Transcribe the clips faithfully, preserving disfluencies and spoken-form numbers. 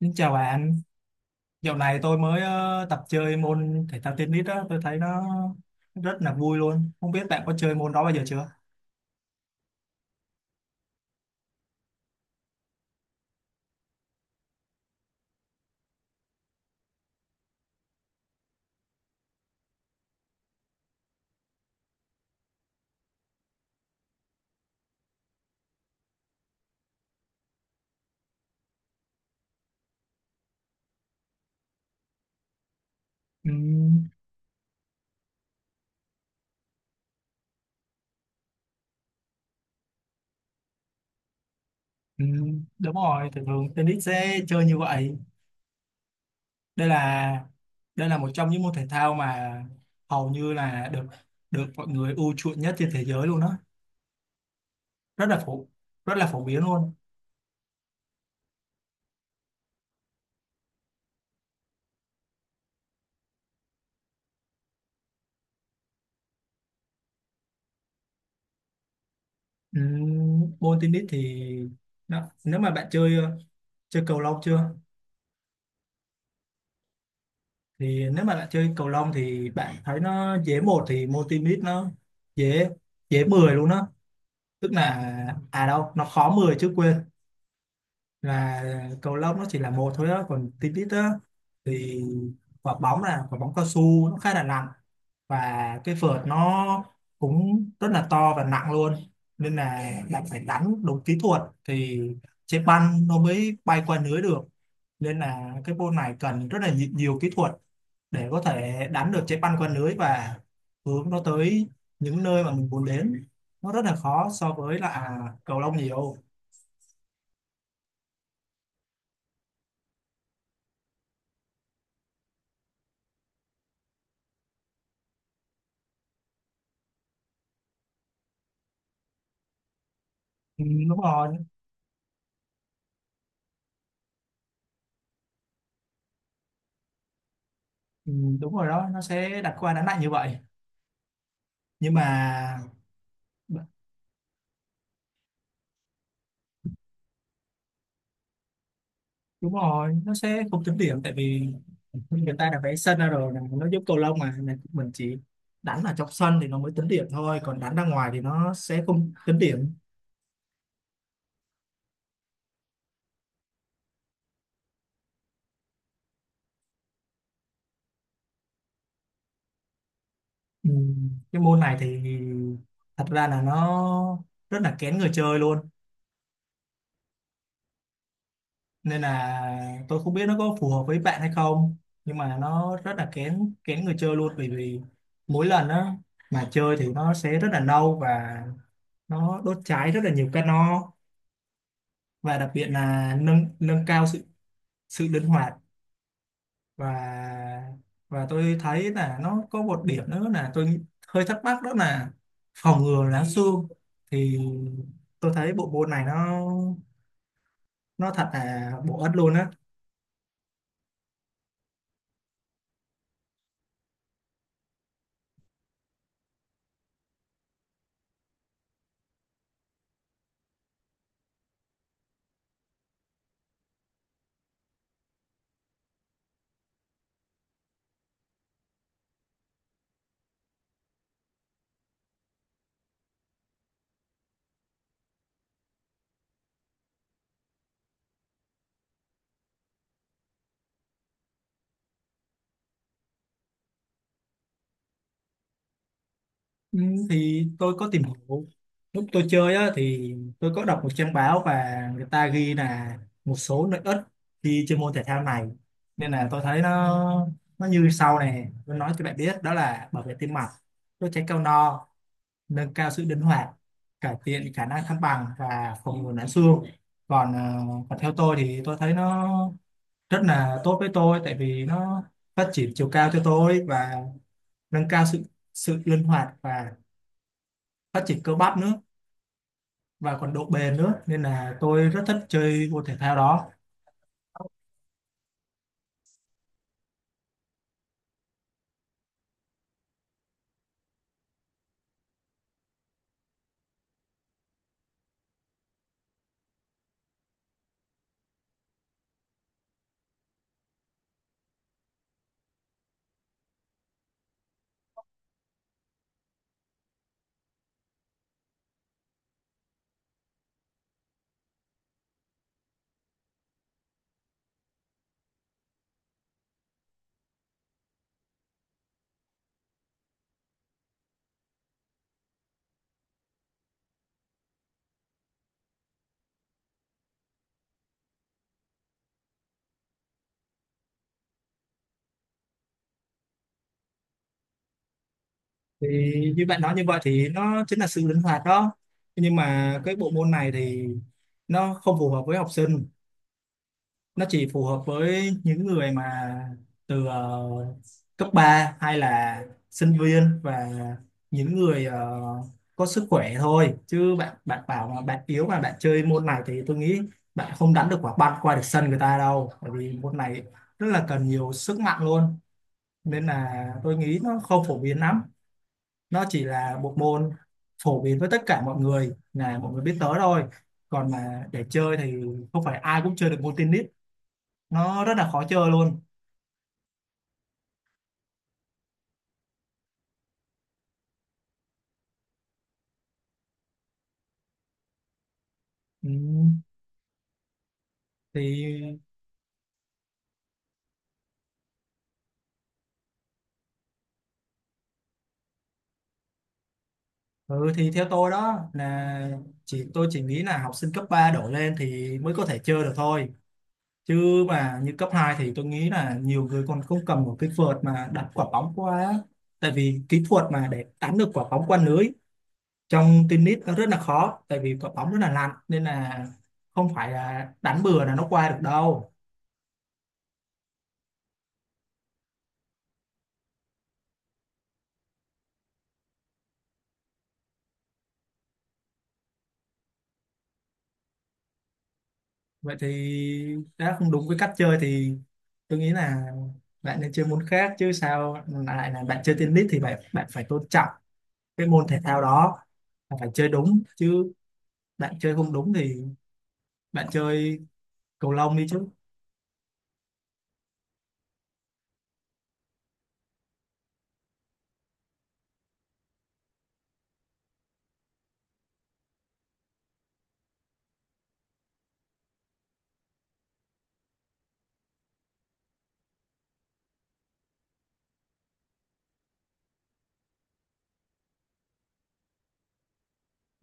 Xin chào bạn, dạo này tôi mới ờ, tập chơi môn thể thao tennis đó, tôi thấy nó rất là vui luôn. Không biết bạn có chơi môn đó bao giờ chưa? Ừ, ừ, đúng rồi, thường thường tennis sẽ chơi như vậy. Đây là đây là một trong những môn thể thao mà hầu như là được được mọi người ưa chuộng nhất trên thế giới luôn đó. Rất là phổ rất là phổ biến luôn. Ừ, môn tennis thì nó, nếu mà bạn chơi ờ, chơi cầu lông chưa? Thì nếu mà bạn chơi cầu lông thì bạn thấy nó dễ một, thì môn tennis nó dễ dễ mười luôn đó, tức là à, đâu, nó khó mười chứ, quên, là cầu lông nó chỉ là một thôi đó, còn tennis á thì quả bóng là quả bóng cao su, nó khá là nặng, và cái vợt nó cũng rất là to và nặng luôn, nên là bạn phải đánh đúng kỹ thuật thì trái banh nó mới bay qua lưới được. Nên là cái môn này cần rất là nhiều, nhiều kỹ thuật để có thể đánh được trái banh qua lưới và hướng nó tới những nơi mà mình muốn đến. Nó rất là khó so với là à, cầu lông nhiều. Ừ, đúng rồi. Ừ, đúng rồi đó, nó sẽ đặt qua đánh lại như vậy. Nhưng mà đúng rồi, nó sẽ không tính điểm, tại vì người ta đã vẽ sân ra rồi này, nó giúp cầu lông mà này, mình chỉ đánh ở trong sân thì nó mới tính điểm thôi, còn đánh ra ngoài thì nó sẽ không tính điểm. Ừ, cái môn này thì thật ra là nó rất là kén người chơi luôn, nên là tôi không biết nó có phù hợp với bạn hay không, nhưng mà nó rất là kén kén người chơi, luôn bởi vì mỗi lần á mà chơi thì nó sẽ rất là lâu, và nó đốt cháy rất là nhiều calo, và đặc biệt là nâng nâng cao sự sự linh hoạt, và và tôi thấy là nó có một điểm nữa là tôi nghĩ- hơi thắc mắc đó là phòng ngừa lá xương. Thì tôi thấy bộ môn này nó nó thật là bổ ích luôn á. Ừ, thì tôi có tìm hiểu, lúc tôi chơi á thì tôi có đọc một trang báo và người ta ghi là một số lợi ích khi chơi môn thể thao này, nên là tôi thấy nó nó như sau, này tôi nói cho bạn biết đó là bảo vệ tim mạch, đốt cháy cao no, nâng cao sự linh hoạt, cải thiện khả năng thăng bằng và phòng ngừa loãng xương. Còn ờ, còn theo tôi thì tôi thấy nó rất là tốt với tôi, tại vì nó phát triển chiều cao cho tôi và nâng cao sự sự linh hoạt và phát triển cơ bắp nữa và còn độ bền nữa, nên là tôi rất thích chơi môn thể thao đó. Thì như bạn nói như vậy thì nó chính là sự linh hoạt đó, nhưng mà cái bộ môn này thì nó không phù hợp với học sinh, nó chỉ phù hợp với những người mà từ ờ, cấp ba hay là sinh viên, và những người ờ, có sức khỏe thôi, chứ bạn bạn bảo mà bạn yếu mà bạn chơi môn này thì tôi nghĩ bạn không đánh được quả banh qua được sân người ta đâu, bởi vì môn này rất là cần nhiều sức mạnh luôn, nên là tôi nghĩ nó không phổ biến lắm, nó chỉ là bộ môn phổ biến với tất cả mọi người, là mọi người biết tới thôi, còn mà để chơi thì không phải ai cũng chơi được môn tennis, nó rất là khó chơi luôn. Ừ, thì ừ, thì theo tôi đó là chỉ tôi chỉ nghĩ là học sinh cấp ba đổ lên thì mới có thể chơi được thôi, chứ mà như cấp hai thì tôi nghĩ là nhiều người còn không cầm một cái vợt mà đặt quả bóng qua á. Tại vì kỹ thuật mà để đánh được quả bóng qua lưới trong tennis nó rất là khó, tại vì quả bóng rất là nặng, nên là không phải là đánh bừa là nó qua được đâu. Vậy thì đã không đúng với cách chơi thì tôi nghĩ là bạn nên chơi môn khác chứ, sao lại là bạn chơi tennis thì bạn bạn phải tôn trọng cái môn thể thao đó và phải chơi đúng chứ. Bạn chơi không đúng thì bạn chơi cầu lông đi chứ.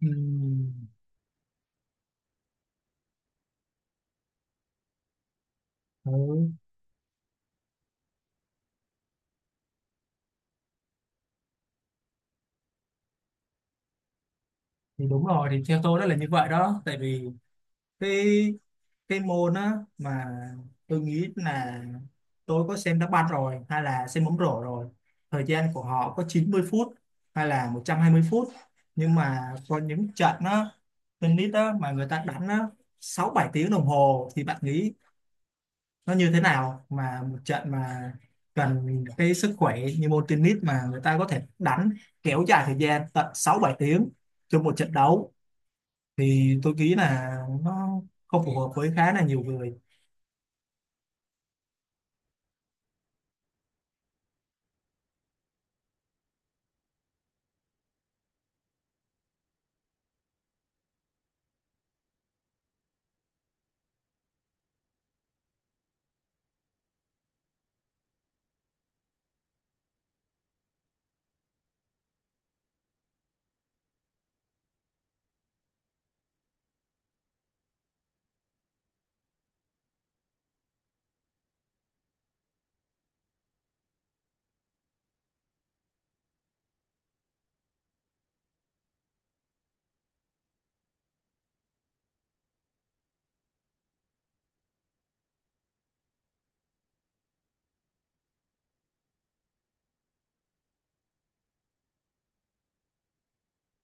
Ừm, ừ. Thì đúng rồi, thì theo tôi đó là như vậy đó, tại vì cái cái môn á mà tôi nghĩ là tôi có xem đá banh rồi hay là xem bóng rổ rồi, thời gian của họ có chín mươi phút hay là một trăm hai mươi phút, nhưng mà có những trận á tennis á mà người ta đánh á sáu bảy tiếng đồng hồ, thì bạn nghĩ nó như thế nào mà một trận mà cần cái sức khỏe như môn tennis mà người ta có thể đánh kéo dài thời gian tận sáu bảy tiếng trong một trận đấu, thì tôi nghĩ là nó không phù hợp với khá là nhiều người.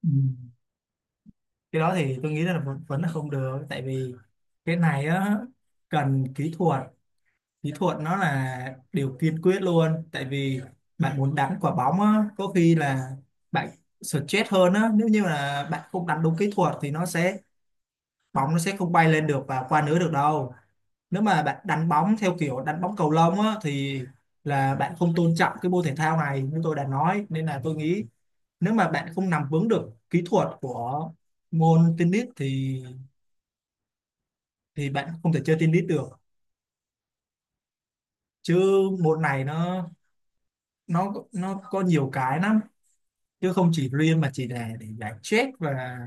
Ừ. Cái đó thì tôi nghĩ là vẫn, vẫn là không được, tại vì cái này á cần kỹ thuật, kỹ thuật nó là điều kiên quyết luôn, tại vì bạn muốn đánh quả bóng á có khi là bạn stress hơn á, nếu như là bạn không đánh đúng kỹ thuật thì nó sẽ bóng nó sẽ không bay lên được và qua lưới được đâu. Nếu mà bạn đánh bóng theo kiểu đánh bóng cầu lông á thì là bạn không tôn trọng cái môn thể thao này như tôi đã nói, nên là tôi nghĩ nếu mà bạn không nắm vững được kỹ thuật của môn tennis thì thì bạn không thể chơi tennis được. Chứ môn này nó nó nó có nhiều cái lắm, chứ không chỉ riêng mà chỉ là để giải stress và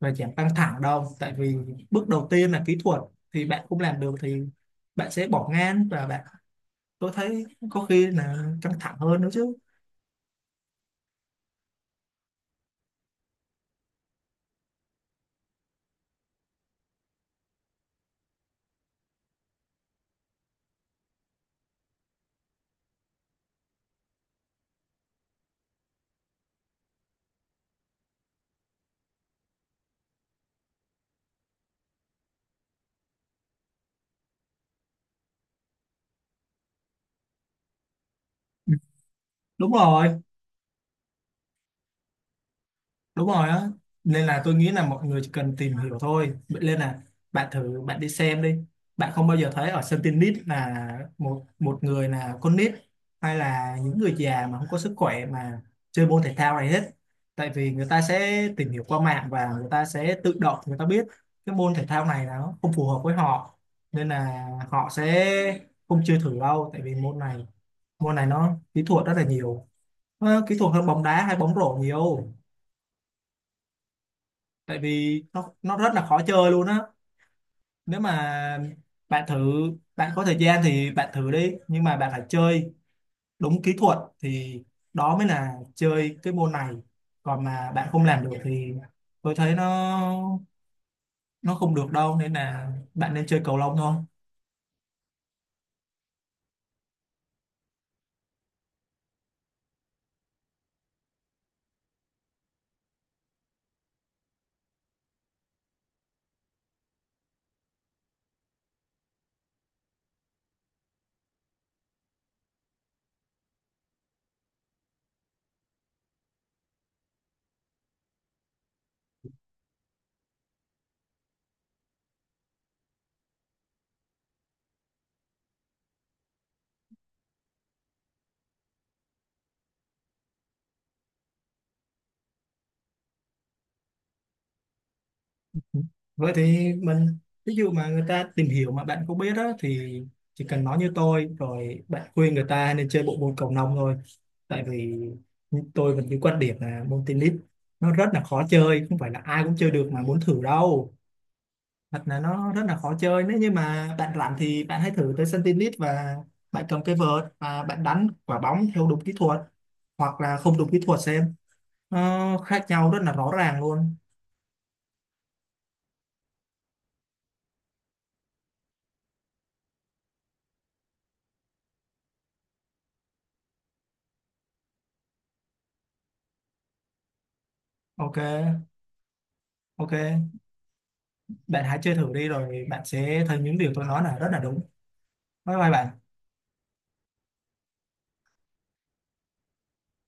và giảm căng thẳng đâu, tại vì bước đầu tiên là kỹ thuật, thì bạn không làm được thì bạn sẽ bỏ ngang và bạn, tôi thấy, có khi là căng thẳng hơn nữa chứ. Ừ, đúng rồi, đúng rồi á, nên là tôi nghĩ là mọi người chỉ cần tìm hiểu thôi. Vậy nên là bạn thử bạn đi xem đi, bạn không bao giờ thấy ở sân tennis là một một người là con nít hay là những người già mà không có sức khỏe mà chơi môn thể thao này hết, tại vì người ta sẽ tìm hiểu qua mạng và người ta sẽ tự động người ta biết cái môn thể thao này nó không phù hợp với họ, nên là họ sẽ không chơi thử đâu, tại vì môn này môn này nó kỹ thuật rất là nhiều. Nó kỹ thuật hơn bóng đá hay bóng rổ nhiều, tại vì nó nó rất là khó chơi luôn á. Nếu mà bạn thử, bạn có thời gian thì bạn thử đi, nhưng mà bạn phải chơi đúng kỹ thuật thì đó mới là chơi cái môn này. Còn mà bạn không làm được thì tôi thấy nó nó không được đâu, nên là bạn nên chơi cầu lông thôi. Vậy thì mình, ví dụ mà người ta tìm hiểu mà bạn không biết đó thì chỉ cần nói như tôi, rồi bạn khuyên người ta nên chơi bộ môn cầu lông thôi, tại vì tôi vẫn cái quan điểm là môn tennis nó rất là khó chơi, không phải là ai cũng chơi được mà muốn thử đâu. Thật là nó rất là khó chơi, nếu như mà bạn rảnh thì bạn hãy thử tới sân tennis và bạn cầm cái vợt và bạn đánh quả bóng theo đúng kỹ thuật hoặc là không đúng kỹ thuật xem, nó khác nhau rất là rõ ràng luôn. Ok, ok, bạn hãy chơi thử đi rồi bạn sẽ thấy những điều tôi nói là rất là đúng. Bye bye bạn.